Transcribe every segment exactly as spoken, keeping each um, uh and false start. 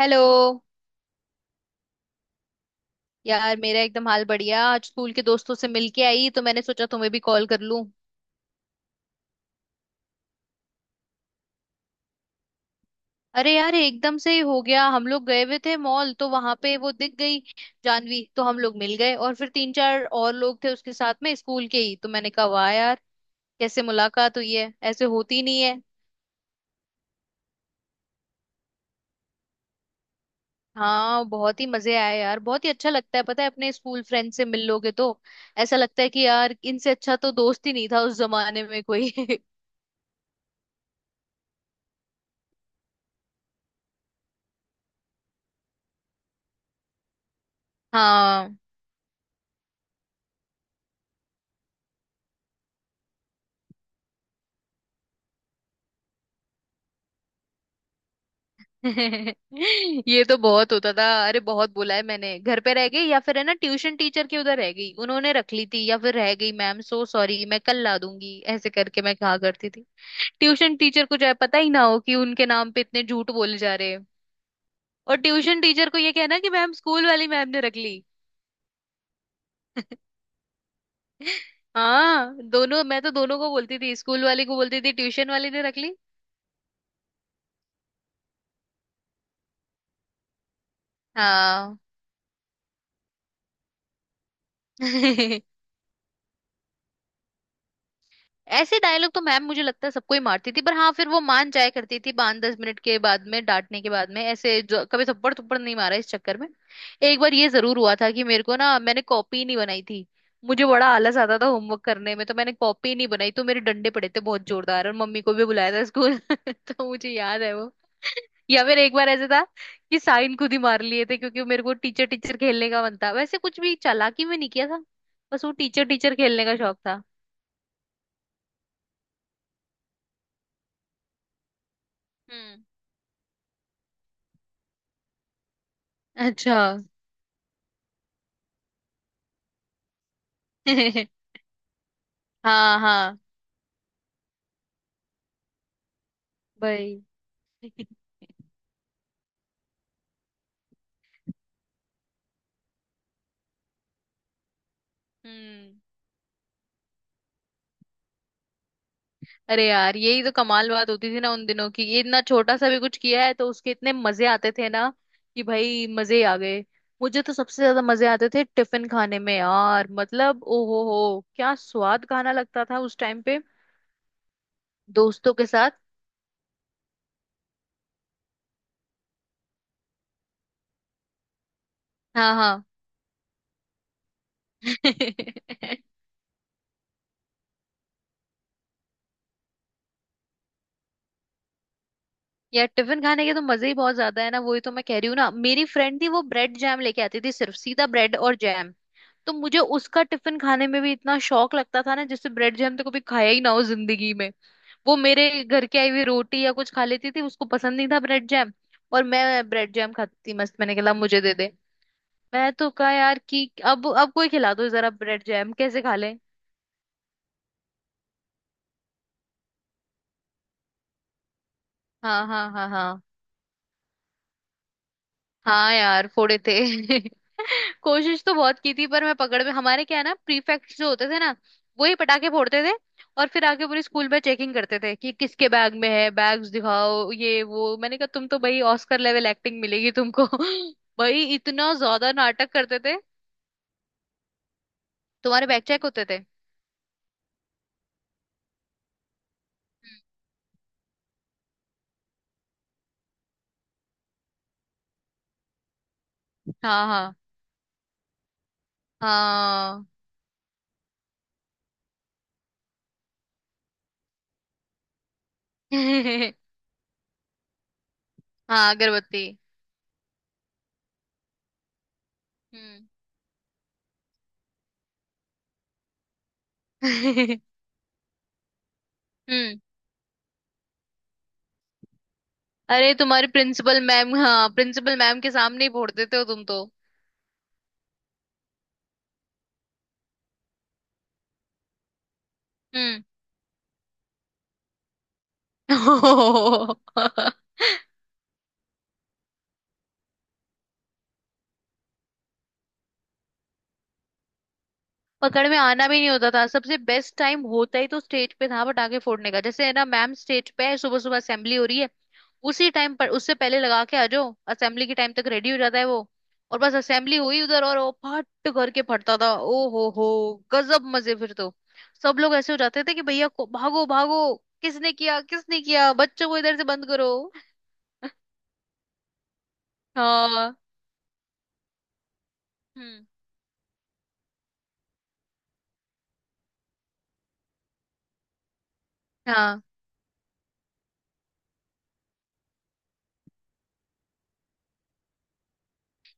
Hello. यार मेरा एकदम हाल बढ़िया, आज स्कूल के दोस्तों से मिलके आई तो मैंने सोचा तुम्हें भी कॉल कर लूं। अरे यार एकदम से ही हो गया। हम लोग गए हुए थे मॉल, तो वहां पे वो दिख गई जानवी। तो हम लोग मिल गए और फिर तीन चार और लोग थे उसके साथ में स्कूल के ही। तो मैंने कहा वाह यार, कैसे मुलाकात हुई है, ऐसे होती नहीं है। हाँ, बहुत ही मजे आए यार। बहुत ही अच्छा लगता है पता है, अपने स्कूल फ्रेंड से मिल लोगे तो ऐसा लगता है कि यार इनसे अच्छा तो दोस्त ही नहीं था उस जमाने में कोई। हाँ। ये तो बहुत होता था। अरे बहुत बोला है मैंने, घर पे रह गई, या फिर है ना ट्यूशन टीचर के उधर रह गई उन्होंने रख ली थी, या फिर रह गई मैम सो सॉरी मैं कल ला दूंगी, ऐसे करके मैं कहा करती थी। ट्यूशन टीचर को चाहे पता ही ना हो कि उनके नाम पे इतने झूठ बोले जा रहे हैं। और ट्यूशन टीचर को ये कहना कि मैम, स्कूल वाली मैम ने रख ली। हाँ दोनों, मैं तो दोनों को बोलती थी, स्कूल वाली को बोलती थी ट्यूशन वाली ने रख ली। हाँ। ऐसे डायलॉग तो मैम मुझे लगता है सबको ही मारती थी, पर हाँ फिर वो मान जाया करती थी पाँच दस मिनट के बाद में, डांटने के बाद में, ऐसे जो कभी थप्पड़ थप्पड़ नहीं मारा इस चक्कर में। एक बार ये जरूर हुआ था कि मेरे को ना, मैंने कॉपी नहीं बनाई थी। मुझे बड़ा आलस आता था होमवर्क करने में, तो मैंने कॉपी नहीं बनाई तो मेरे डंडे पड़े थे बहुत जोरदार, और मम्मी को भी बुलाया था स्कूल। तो मुझे याद है वो। या फिर एक बार ऐसे था कि साइन खुद ही मार लिए थे, क्योंकि मेरे को टीचर टीचर खेलने का मन था, वैसे कुछ भी चालाकी में नहीं किया था। बस वो टीचर टीचर खेलने का शौक था। हम्म। अच्छा। हाँ हाँ। भाई। हम्म। अरे यार यही तो कमाल बात होती थी ना उन दिनों की, ये इतना छोटा सा भी कुछ किया है तो उसके इतने मजे आते थे ना कि भाई मजे ही आ गए। मुझे तो सबसे ज्यादा मजे आते थे टिफिन खाने में यार। मतलब ओहो हो, क्या स्वाद खाना लगता था उस टाइम पे। दोस्तों के साथ। हाँ हाँ। यार टिफिन खाने के तो मजे ही बहुत ज्यादा है ना, वही तो मैं कह रही हूँ ना। मेरी फ्रेंड थी, वो ब्रेड जैम लेके आती थी, सिर्फ सीधा ब्रेड और जैम। तो मुझे उसका टिफिन खाने में भी इतना शौक लगता था ना, जिससे ब्रेड जैम तो कभी खाया ही ना हो जिंदगी में। वो मेरे घर की आई हुई रोटी या कुछ खा लेती थी, उसको पसंद नहीं था ब्रेड जैम। और मैं ब्रेड जैम खाती थी मस्त। मैंने कहा मुझे दे दे। मैं तो कहा यार कि अब अब कोई खिला दो जरा, ब्रेड जैम कैसे खा ले। हाँ हाँ हाँ हाँ। हाँ यार फोड़े थे। कोशिश तो बहुत की थी, पर मैं पकड़ में। हमारे क्या है ना प्रीफेक्ट जो होते थे ना। वो ही पटाखे फोड़ते थे और फिर आके पूरी स्कूल में चेकिंग करते थे कि किसके बैग में है, बैग्स दिखाओ ये वो। मैंने कहा तुम तो भाई ऑस्कर लेवल एक्टिंग मिलेगी तुमको। भाई इतना ज्यादा नाटक करते थे। तुम्हारे बैग चेक होते थे? हाँ हाँ हाँ। हाँ अगरबत्ती। हम्म। हम्म। अरे तुम्हारी प्रिंसिपल मैम, हाँ प्रिंसिपल मैम के सामने ही फोड़ते थे हो तुम तो। हम्म। पकड़ में आना भी नहीं होता था। सबसे बेस्ट टाइम होता ही तो स्टेज पे था पटाखे फोड़ने का, जैसे है ना मैम स्टेज पे है, सुबह सुबह असेंबली हो रही है। उसी टाइम पर उससे पहले लगा के आ जाओ, असेंबली के टाइम तक रेडी हो जाता है वो। और बस असेंबली हुई उधर और वो फट करके फटता था, ओ हो हो गजब मजे फिर तो। सब लोग ऐसे हो जाते थे कि भैया को भागो भागो, किसने किया किसने किया, बच्चों को इधर से बंद करो। हाँ। हम्म। हाँ।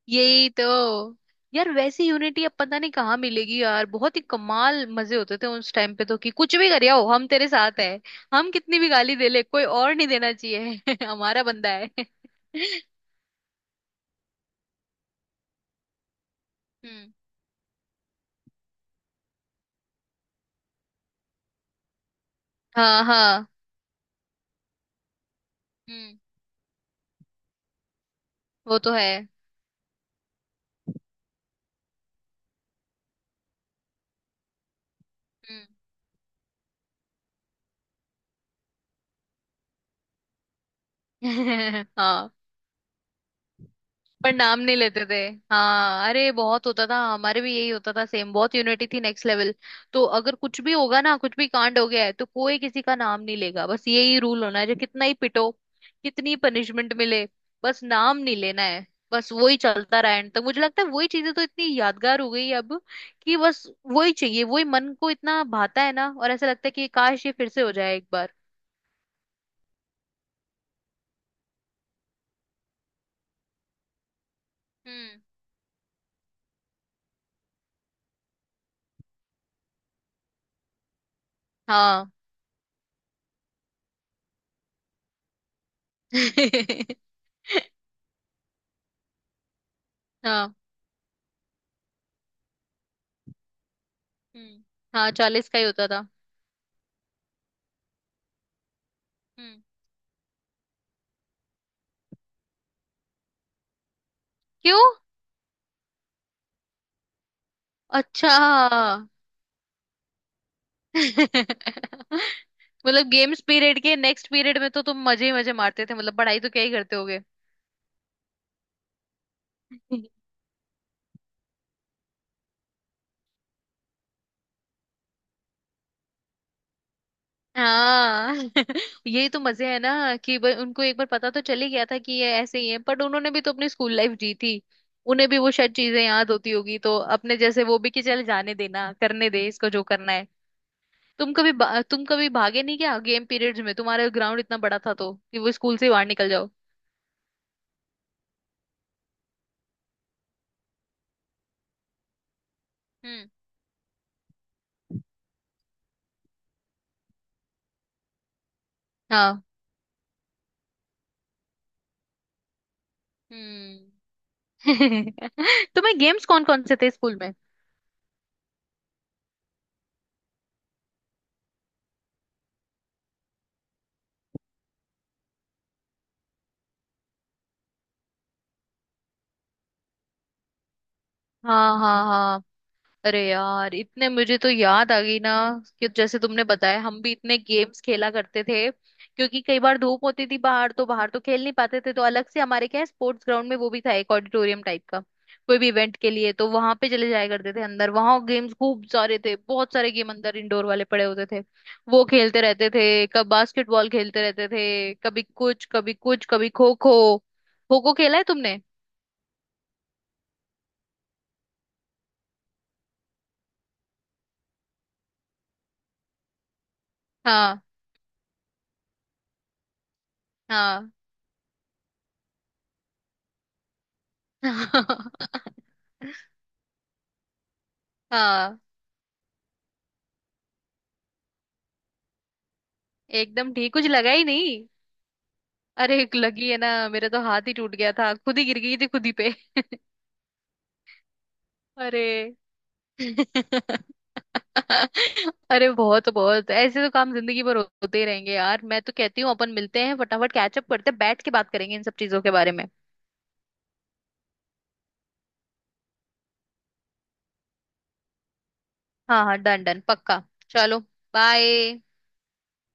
यही तो। यार वैसी यूनिटी अब पता नहीं कहाँ मिलेगी यार। बहुत ही कमाल मजे होते थे उस टाइम पे तो, कि कुछ भी कर आओ हम तेरे साथ है। हम कितनी भी गाली दे ले, कोई और नहीं देना चाहिए। हमारा बंदा है। हम्म। हाँ हाँ। हम्म। वो तो है। हम्म। हाँ पर नाम नहीं लेते थे। हाँ अरे बहुत होता था हमारे भी, यही होता था सेम। बहुत यूनिटी थी नेक्स्ट लेवल। तो अगर कुछ भी होगा ना, कुछ भी कांड हो गया है तो कोई किसी का नाम नहीं लेगा, बस यही रूल होना है। जो कितना ही पिटो, कितनी पनिशमेंट मिले, बस नाम नहीं लेना है। बस वही चलता रहा एंड तक। मुझे लगता है वही चीजें तो इतनी यादगार हो गई है अब कि बस वही चाहिए, वही मन को इतना भाता है ना। और ऐसा लगता है कि काश ये फिर से हो जाए एक बार। हम्म। हाँ। हाँ। हम्म। हाँ चालीस का ही होता था। हम्म। क्यों? अच्छा। मतलब गेम्स पीरियड के नेक्स्ट पीरियड में तो तुम मजे ही मजे मारते थे, मतलब पढ़ाई तो क्या ही करते होगे। हाँ। यही तो मजे है ना कि भाई उनको एक बार पता तो चल ही गया था कि ये ऐसे ही है, बट उन्होंने भी तो अपनी स्कूल लाइफ जी थी। उन्हें भी वो शायद चीजें याद होती होगी, तो अपने जैसे वो भी कि चल जाने देना, करने दे इसको जो करना है। तुम कभी बा- तुम कभी भागे नहीं क्या गेम पीरियड्स में, तुम्हारा ग्राउंड इतना बड़ा था तो कि वो स्कूल से बाहर निकल जाओ? हम्म। हाँ। हम्म। तुम्हें गेम्स कौन कौन से थे स्कूल में? हाँ हाँ हाँ। अरे यार इतने मुझे तो याद आ गई ना, कि जैसे तुमने बताया हम भी इतने गेम्स खेला करते थे। क्योंकि कई बार धूप होती थी बाहर, तो बाहर तो खेल नहीं पाते थे, तो अलग से हमारे क्या है स्पोर्ट्स ग्राउंड में वो भी था एक ऑडिटोरियम टाइप का। कोई भी इवेंट के लिए तो वहां पे चले जाया करते थे अंदर। वहां गेम्स खूब सारे थे, बहुत सारे गेम अंदर इंडोर वाले पड़े होते थे। वो खेलते रहते थे। कब बास्केटबॉल खेलते रहते थे, कभी कुछ कभी कुछ, कभी खो खो। खो खो खेला है तुमने? हाँ हाँ। हाँ एकदम ठीक, कुछ लगा ही नहीं। अरे एक लगी है ना, मेरा तो हाथ ही टूट गया था। खुद ही गिर गई थी खुद ही पे। अरे। अरे बहुत बहुत ऐसे तो काम जिंदगी भर होते ही रहेंगे यार। मैं तो कहती हूँ अपन मिलते हैं फटाफट, कैचअप करते हैं, बैठ के बात करेंगे इन सब चीजों के बारे में। हाँ हाँ। डन डन पक्का। चलो बाय।